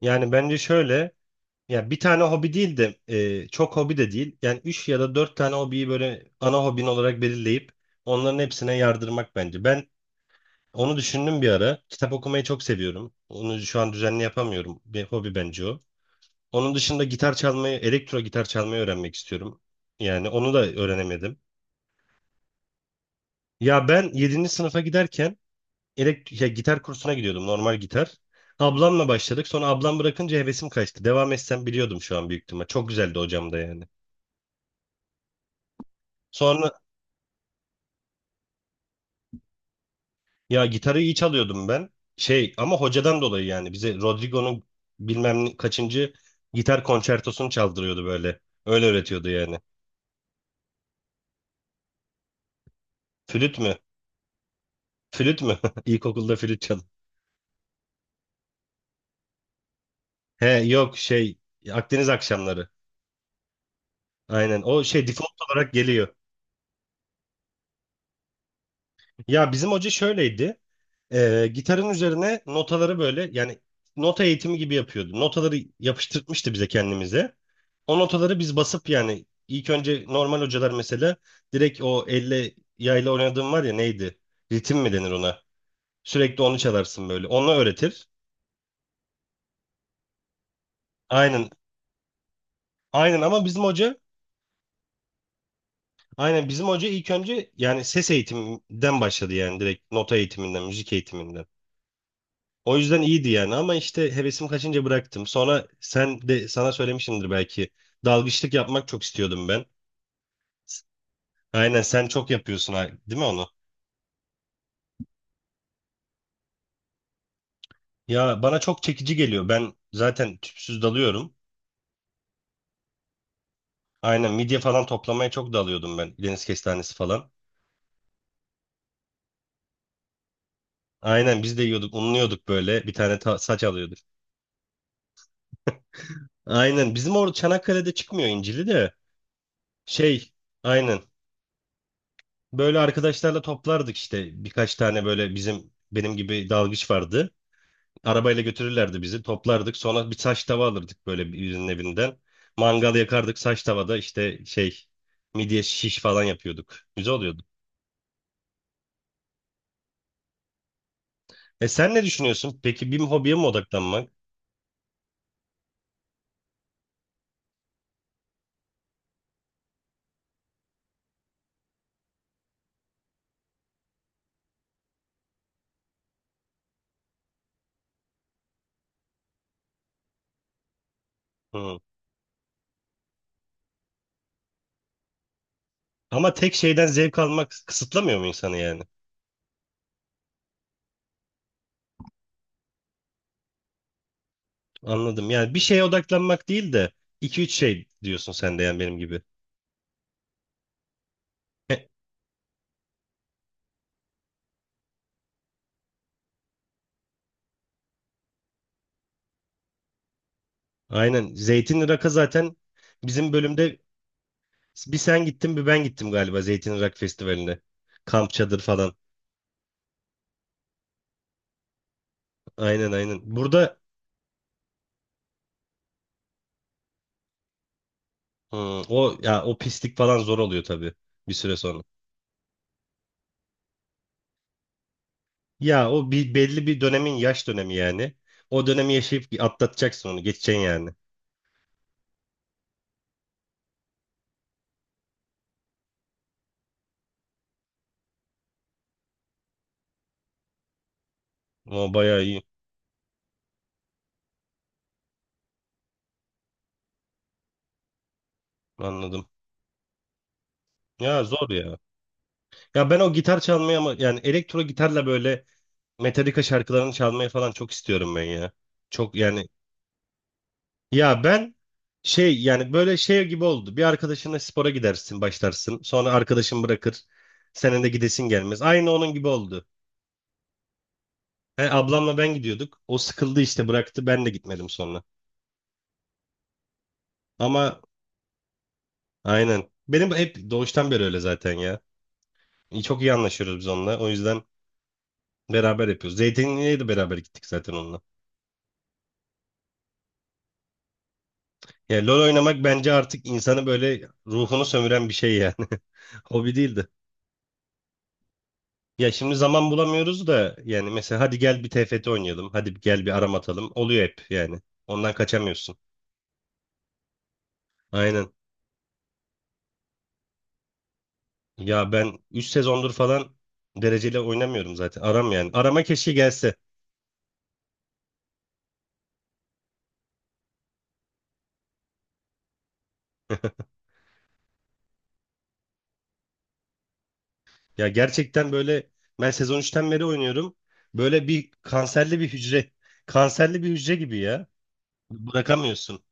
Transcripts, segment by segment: Yani bence şöyle, ya bir tane hobi değil de çok hobi de değil. Yani 3 ya da 4 tane hobiyi böyle ana hobin olarak belirleyip onların hepsine yardırmak bence. Ben onu düşündüm bir ara. Kitap okumayı çok seviyorum. Onu şu an düzenli yapamıyorum. Bir hobi bence o. Onun dışında gitar çalmayı, elektro gitar çalmayı öğrenmek istiyorum. Yani onu da öğrenemedim. Ya ben yedinci sınıfa giderken elekt ya gitar kursuna gidiyordum, normal gitar. Ablamla başladık. Sonra ablam bırakınca hevesim kaçtı. Devam etsem biliyordum şu an büyük ihtimal. Çok güzeldi hocam da yani. Sonra ya gitarı iyi çalıyordum ben. Şey ama hocadan dolayı yani bize Rodrigo'nun kaçıncı gitar konçertosunu çaldırıyordu böyle. Öyle öğretiyordu yani. Flüt mü? Flüt mü? İlkokulda flüt çal. He yok şey Akdeniz akşamları. Aynen, o şey default olarak geliyor. Ya bizim hoca şöyleydi. Gitarın üzerine notaları böyle yani nota eğitimi gibi yapıyordu. Notaları yapıştırtmıştı bize kendimize. O notaları biz basıp yani ilk önce normal hocalar mesela direkt o elle yayla oynadığım var ya, neydi? Ritim mi denir ona? Sürekli onu çalarsın böyle. Onu öğretir. Aynen. Aynen ama bizim hoca ilk önce yani ses eğitiminden başladı, yani direkt nota eğitiminden, müzik eğitiminden. O yüzden iyiydi yani, ama işte hevesim kaçınca bıraktım. Sonra sen de, sana söylemişimdir belki. Dalgıçlık yapmak çok istiyordum ben. Aynen sen çok yapıyorsun, değil mi onu? Ya bana çok çekici geliyor. Ben zaten tüpsüz dalıyorum. Aynen midye falan toplamaya çok dalıyordum ben. Deniz kestanesi falan. Aynen biz de yiyorduk, unluyorduk böyle. Bir tane saç alıyorduk. Aynen bizim orada Çanakkale'de çıkmıyor incili de. Şey aynen, böyle arkadaşlarla toplardık işte. Birkaç tane böyle bizim, benim gibi dalgıç vardı. Arabayla götürürlerdi bizi. Toplardık. Sonra bir saç tava alırdık böyle birinin evinden. Mangal yakardık saç tavada, işte şey, midye şiş falan yapıyorduk. Güzel oluyordu. E sen ne düşünüyorsun peki, bir hobiye mi odaklanmak? Hı. Ama tek şeyden zevk almak kısıtlamıyor mu insanı yani? Anladım. Yani bir şeye odaklanmak değil de iki üç şey diyorsun sen de yani benim gibi. He, aynen. Zeytin Irak'a zaten bizim bölümde bir sen gittin bir ben gittim galiba Zeytin Irak Festivali'ne. Kamp çadır falan. Aynen aynen. Burada o ya, o pislik falan zor oluyor tabii bir süre sonra. Ya o bir belli bir dönemin yaş dönemi yani. O dönemi yaşayıp atlatacaksın onu, geçeceksin yani. O bayağı iyi. Anladım. Ya zor ya. Ya ben o gitar çalmayı, ama yani elektro gitarla böyle Metallica şarkılarını çalmayı falan çok istiyorum ben ya. Çok yani, ya ben şey yani böyle şey gibi oldu. Bir arkadaşınla spora gidersin, başlarsın. Sonra arkadaşın bırakır. Senin de gidesin gelmez. Aynı onun gibi oldu. He, ablamla ben gidiyorduk. O sıkıldı işte, bıraktı. Ben de gitmedim sonra. Ama aynen. Benim hep doğuştan beri öyle zaten ya. Çok iyi anlaşıyoruz biz onunla. O yüzden beraber yapıyoruz. Zeytinli'ye de beraber gittik zaten onunla. Ya LoL oynamak bence artık insanı, böyle ruhunu sömüren bir şey yani. Hobi değildi. Ya şimdi zaman bulamıyoruz da, yani mesela hadi gel bir TFT oynayalım. Hadi gel bir aram atalım. Oluyor hep yani. Ondan kaçamıyorsun. Aynen. Ya ben 3 sezondur falan dereceli oynamıyorum zaten. Aram yani. Arama keşke gelse. Ya gerçekten böyle ben sezon üçten beri oynuyorum. Böyle bir kanserli bir hücre. Kanserli bir hücre gibi ya. Bırakamıyorsun.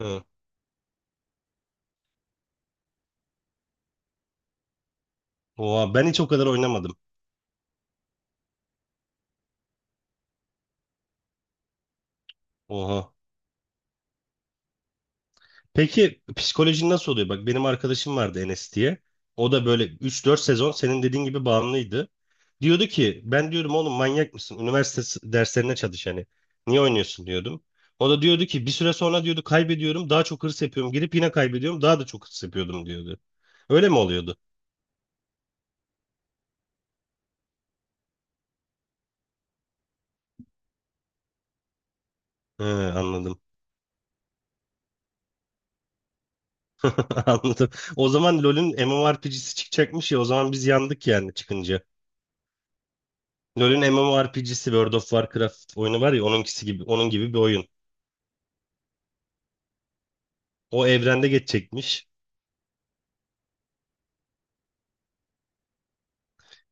Hı. Oha, ben hiç o kadar oynamadım. Oha. Peki psikolojin nasıl oluyor? Bak benim arkadaşım vardı, Enes diye. O da böyle üç dört sezon senin dediğin gibi bağımlıydı. Diyordu ki, ben diyorum, oğlum manyak mısın? Üniversite derslerine çalış hani. Niye oynuyorsun diyordum. O da diyordu ki bir süre sonra, diyordu, kaybediyorum daha çok hırs yapıyorum. Girip yine kaybediyorum, daha da çok hırs yapıyordum diyordu. Öyle mi oluyordu? He, anladım. Anladım. O zaman LoL'ün MMORPG'si çıkacakmış ya, o zaman biz yandık yani çıkınca. LoL'ün MMORPG'si, World of Warcraft oyunu var ya, onunkisi gibi, onun gibi bir oyun. O evrende geçecekmiş.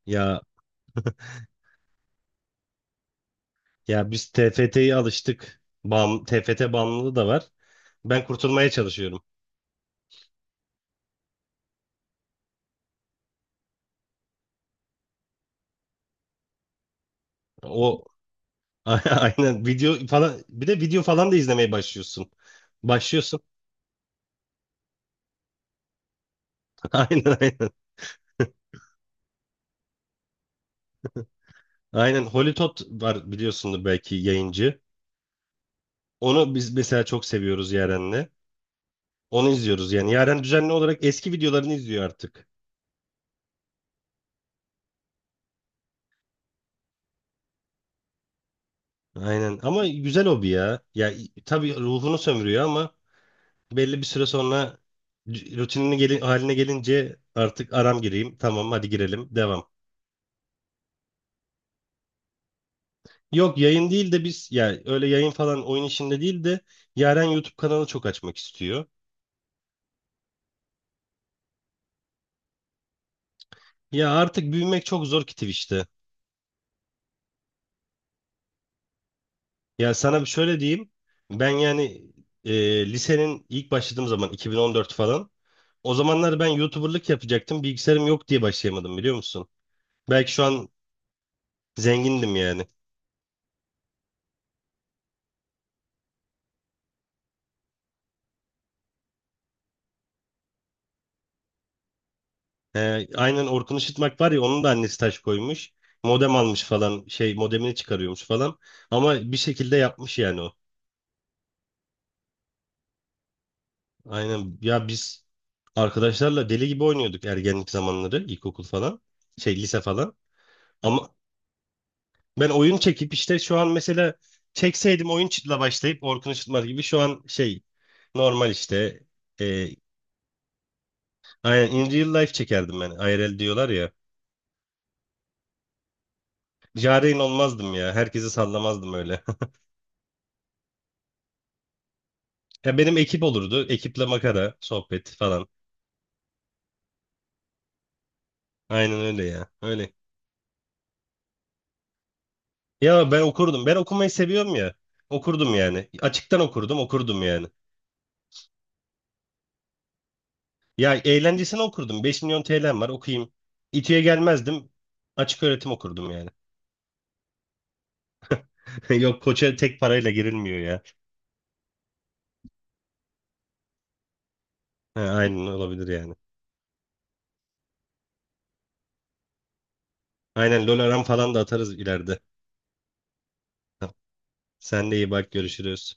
Ya ya biz TFT'ye alıştık. Bam, TFT bağımlılığı da var. Ben kurtulmaya çalışıyorum. O aynen, video falan, bir de video falan da izlemeye başlıyorsun. Başlıyorsun. Aynen aynen. Aynen Holy Tot var biliyorsundur belki, yayıncı. Onu biz mesela çok seviyoruz Yaren'le. Onu izliyoruz yani. Yaren düzenli olarak eski videolarını izliyor artık. Aynen. Ama güzel hobi ya. Ya tabii ruhunu sömürüyor, ama belli bir süre sonra rutinini haline gelince artık aram gireyim. Tamam, hadi girelim. Devam. Yok, yayın değil de biz, ya öyle yayın falan oyun işinde değil de, Yaren YouTube kanalı çok açmak istiyor. Ya artık büyümek çok zor ki Twitch'te. Ya sana bir şöyle diyeyim. Ben yani lisenin ilk başladığım zaman 2014 falan. O zamanlar ben YouTuber'lık yapacaktım. Bilgisayarım yok diye başlayamadım biliyor musun? Belki şu an zengindim yani. Aynen Orkun Işıtmak var ya, onun da annesi taş koymuş. Modem almış falan, şey, modemini çıkarıyormuş falan. Ama bir şekilde yapmış yani o. Aynen, ya biz arkadaşlarla deli gibi oynuyorduk ergenlik zamanları, ilkokul falan. Şey, lise falan. Ama ben oyun çekip işte, şu an mesela çekseydim oyun çıtla başlayıp Orkun Işıtmak gibi şu an, şey, normal işte, e, aynen, in real life çekerdim ben. IRL diyorlar ya. Jareyn olmazdım ya. Herkesi sallamazdım öyle. Ya benim ekip olurdu. Ekiple makara, sohbet falan. Aynen öyle ya. Öyle. Ya ben okurdum. Ben okumayı seviyorum ya. Okurdum yani. Açıktan okurdum, okurdum yani. Ya eğlencesine okurdum. 5 milyon TL'm var, okuyayım. İTÜ'ye gelmezdim. Açık öğretim okurdum yani. Yok, koça tek parayla girilmiyor ya. Ha, aynen, olabilir yani. Aynen LoL aram falan da atarız ileride. Sen de iyi bak, görüşürüz.